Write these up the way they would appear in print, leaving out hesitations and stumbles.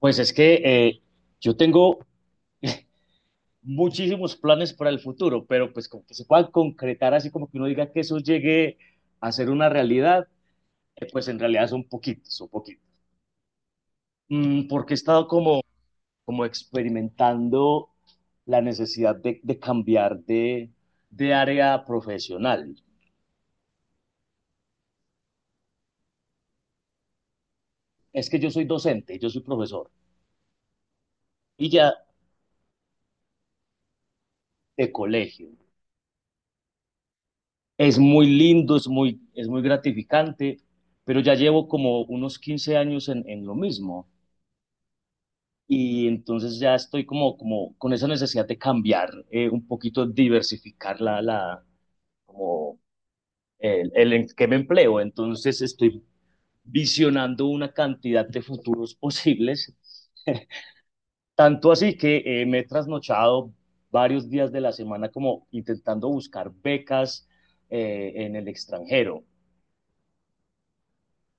Pues es que yo tengo muchísimos planes para el futuro, pero pues como que se puedan concretar, así como que uno diga que eso llegue a ser una realidad, pues en realidad son poquitos, son poquitos. Porque he estado como, como experimentando la necesidad de cambiar de área profesional. Es que yo soy docente, yo soy profesor y ya de colegio. Es muy lindo, es muy gratificante, pero ya llevo como unos 15 años en lo mismo. Y entonces ya estoy como, como con esa necesidad de cambiar, un poquito diversificar como el en que me empleo. Entonces estoy visionando una cantidad de futuros posibles, tanto así que me he trasnochado varios días de la semana como intentando buscar becas en el extranjero.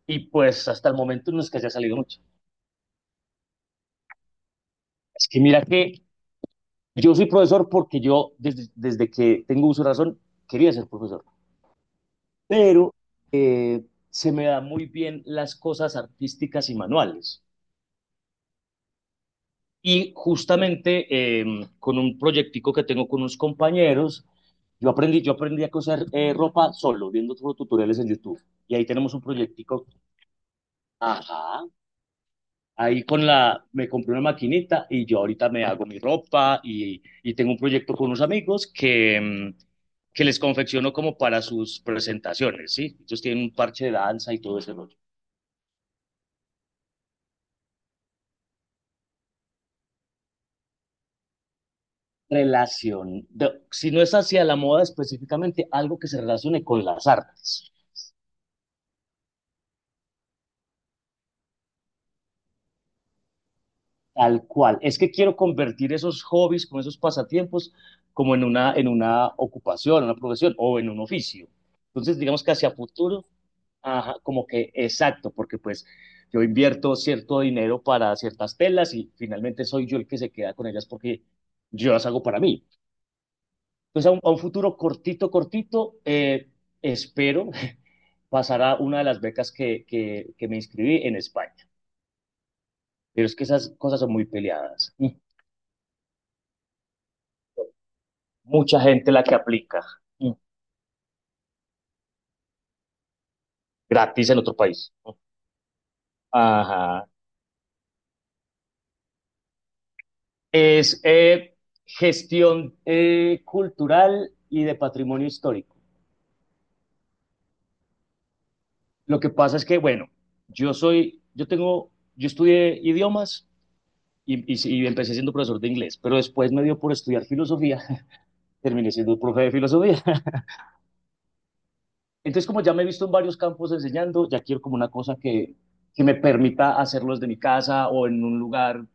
Y pues hasta el momento no es que haya salido mucho. Es que mira que yo soy profesor porque yo desde que tengo uso de razón quería ser profesor. Pero eh, se me da muy bien las cosas artísticas y manuales. Y justamente eh, con un proyectico que tengo con unos compañeros, yo aprendí a coser ropa solo, viendo tutoriales en YouTube. Y ahí tenemos un proyectico. Ajá. Ahí con la, me compré una maquinita y yo ahorita me hago mi ropa, y tengo un proyecto con unos amigos que les confecciono como para sus presentaciones, ¿sí? Ellos tienen un parche de danza y todo ese rollo. Relación, de- si no es hacia la moda específicamente, algo que se relacione con las artes, tal cual. Es que quiero convertir esos hobbies, como esos pasatiempos, como en en una ocupación, una profesión o en un oficio. Entonces, digamos que hacia futuro, ajá, como que exacto, porque pues yo invierto cierto dinero para ciertas telas y finalmente soy yo el que se queda con ellas porque yo las hago para mí. Entonces, a un futuro cortito, cortito, espero pasar a una de las becas que me inscribí en España. Pero es que esas cosas son muy peleadas. Mm. Mucha gente la que aplica. Mm. Gratis en otro país. Mm. Ajá. Es gestión cultural y de patrimonio histórico. Lo que pasa es que, bueno, yo tengo, yo estudié idiomas, y empecé siendo profesor de inglés, pero después me dio por estudiar filosofía, terminé siendo profe de filosofía. Entonces, como ya me he visto en varios campos enseñando, ya quiero como una cosa que me permita hacerlo desde mi casa o en un lugar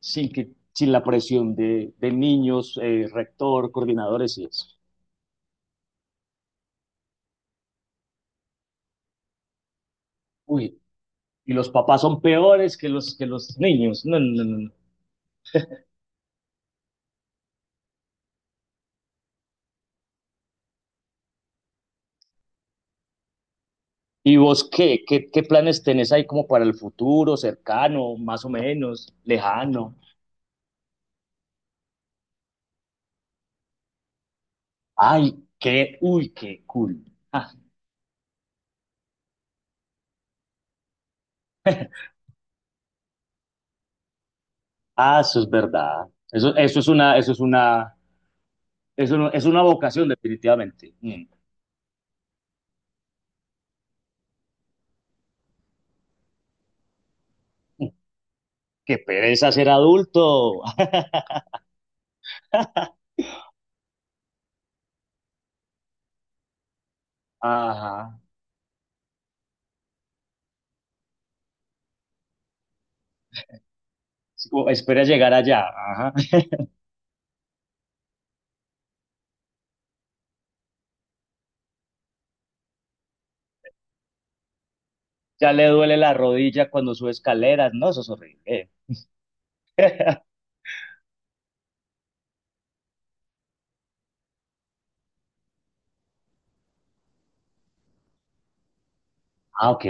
sin que, sin la presión de niños, rector, coordinadores y eso. Uy, y los papás son peores que que los niños. No, no, no. No. No. ¿Y vos qué? ¿Qué? ¿Qué planes tenés ahí como para el futuro, cercano, más o menos, lejano? Ay, qué, uy, qué cool. Ah, ah, eso es verdad. Eso es una… Es, una, es una vocación, definitivamente. Mm. Qué pereza ser adulto. Ajá. Es como, espera llegar allá. Ajá. Ya le duele la rodilla cuando sube escaleras. No, eso es horrible. Ah, ok.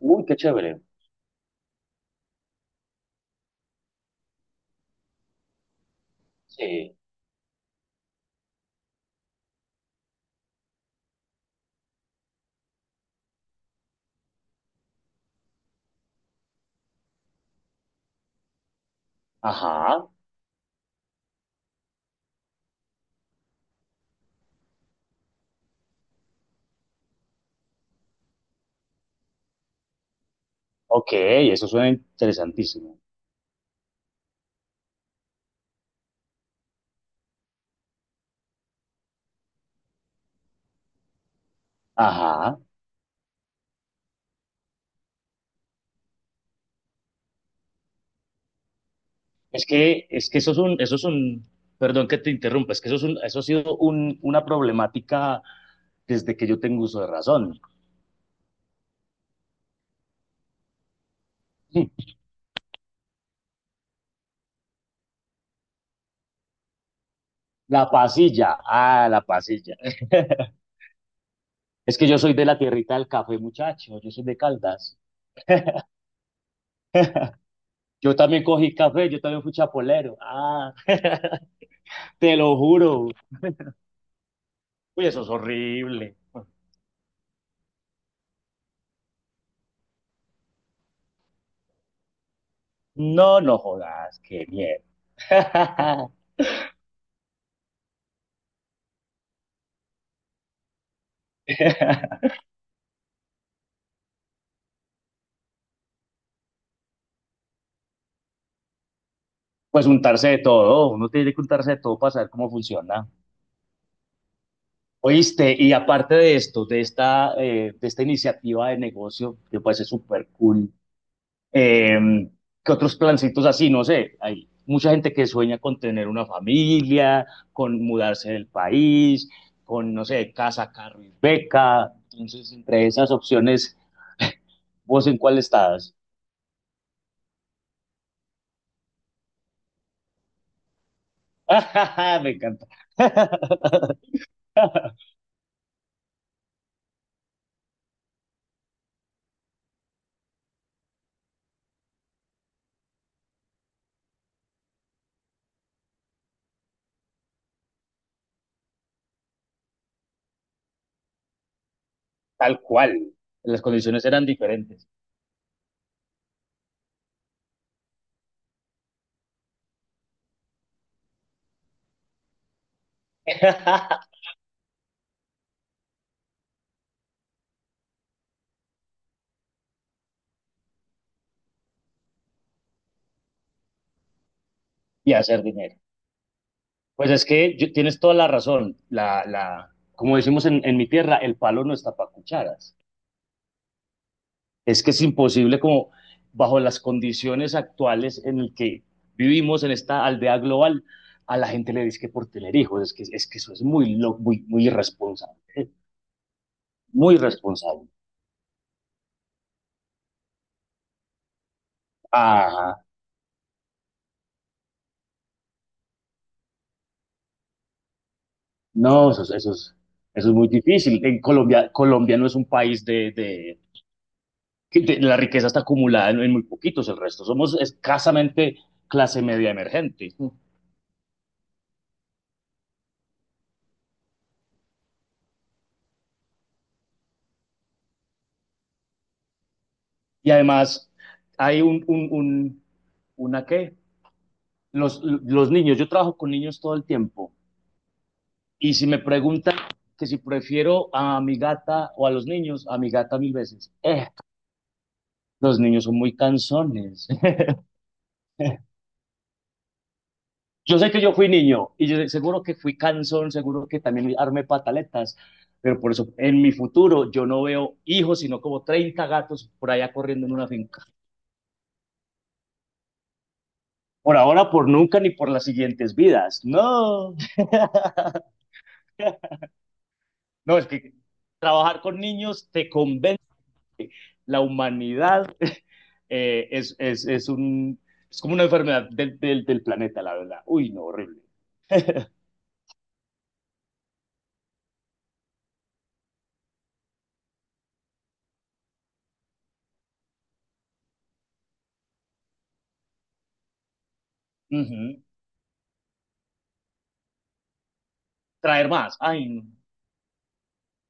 Uy, qué chévere. Sí. Ajá. Ok, eso suena interesantísimo. Ajá. Es que eso es un, perdón que te interrumpa, es que eso es un, eso ha sido una problemática desde que yo tengo uso de razón. La pasilla, ah, la pasilla. Es que yo soy de la tierrita del café, muchacho. Yo soy de Caldas. Yo también cogí café, yo también fui chapolero. Ah, te lo juro. Uy, eso es horrible. No, no jodas, qué mierda. Pues untarse de todo, uno tiene que untarse de todo para saber cómo funciona. Oíste, y aparte de esto, de esta iniciativa de negocio, que puede ser súper cool, eh, que otros plancitos así, no sé, hay mucha gente que sueña con tener una familia, con mudarse del país, con, no sé, casa, carro y beca. Entonces, entre esas opciones, ¿vos en cuál estás? Me encanta. Tal cual. Las condiciones eran diferentes. Y hacer dinero. Pues es que yo- tienes toda la razón. La, como decimos en mi tierra, el palo no está para cucharas. Es que es imposible como bajo las condiciones actuales en el que vivimos en esta aldea global, a la gente le dice que por tener hijos, es que eso es muy, muy, muy irresponsable, muy irresponsable. Ajá, no, eso es muy difícil. En Colombia, Colombia no es un país que de la riqueza está acumulada en muy poquitos, el resto somos escasamente clase media emergente. Y además hay un una qué, los niños, yo trabajo con niños todo el tiempo, y si me preguntan que si prefiero a mi gata o a los niños, a mi gata mil veces. Los niños son muy cansones. Yo sé que yo fui niño y yo seguro que fui cansón, seguro que también armé pataletas, pero por eso en mi futuro yo no veo hijos, sino como 30 gatos por allá corriendo en una finca. Por ahora, por nunca, ni por las siguientes vidas. No. No, es que trabajar con niños te convence. La humanidad eh, es, es, es, un, es como una enfermedad del planeta, la verdad. Uy, no, horrible. Uh -huh. Traer más. Ay, no.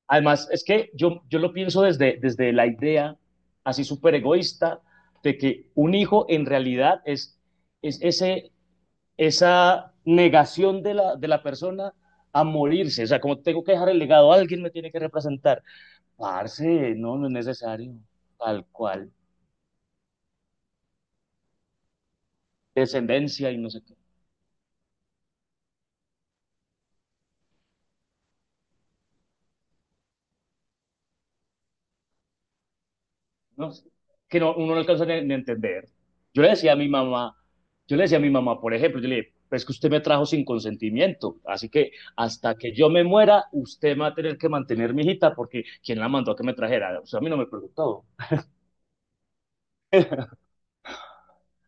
Además, es que yo lo pienso desde la idea así súper egoísta de que un hijo en realidad es esa negación de la persona a morirse. O sea, como tengo que dejar el legado, alguien me tiene que representar. Parce, no, no es necesario. Tal cual. Descendencia y no sé, no sé, que no, uno no alcanza ni, ni a entender. Yo le decía a mi mamá, yo le decía a mi mamá, por ejemplo, yo le dije: "Pues es que usted me trajo sin consentimiento, así que hasta que yo me muera, usted va a tener que mantener mi hijita porque quién la mandó a que me trajera, o sea, a mí no me preguntó".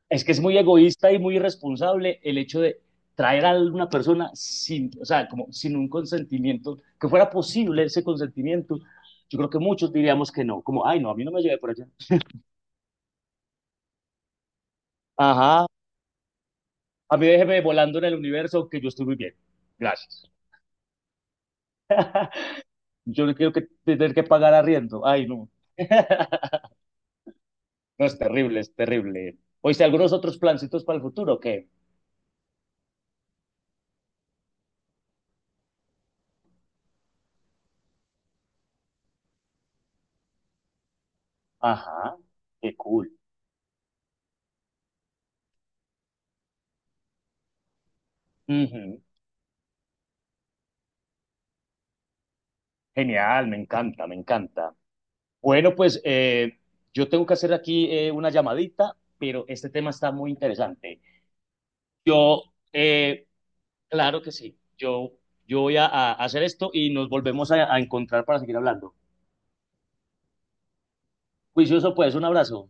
Es que es muy egoísta y muy irresponsable el hecho de traer a una persona sin, o sea, como sin un consentimiento, que fuera posible ese consentimiento. Yo creo que muchos diríamos que no, como, ay, no, a mí no me llevé por allá. Ajá. A mí déjeme volando en el universo que yo estoy muy bien. Gracias. Yo no quiero que tener que pagar arriendo. Ay, no. No, es terrible, es terrible. Oíste, ¿algunos otros plancitos para el futuro? ¿Qué? Ajá, qué cool. Ujú. Genial, me encanta, me encanta. Bueno, pues yo tengo que hacer aquí una llamadita, pero este tema está muy interesante. Yo, claro que sí, yo voy a hacer esto y nos volvemos a encontrar para seguir hablando. Juicioso, pues, un abrazo.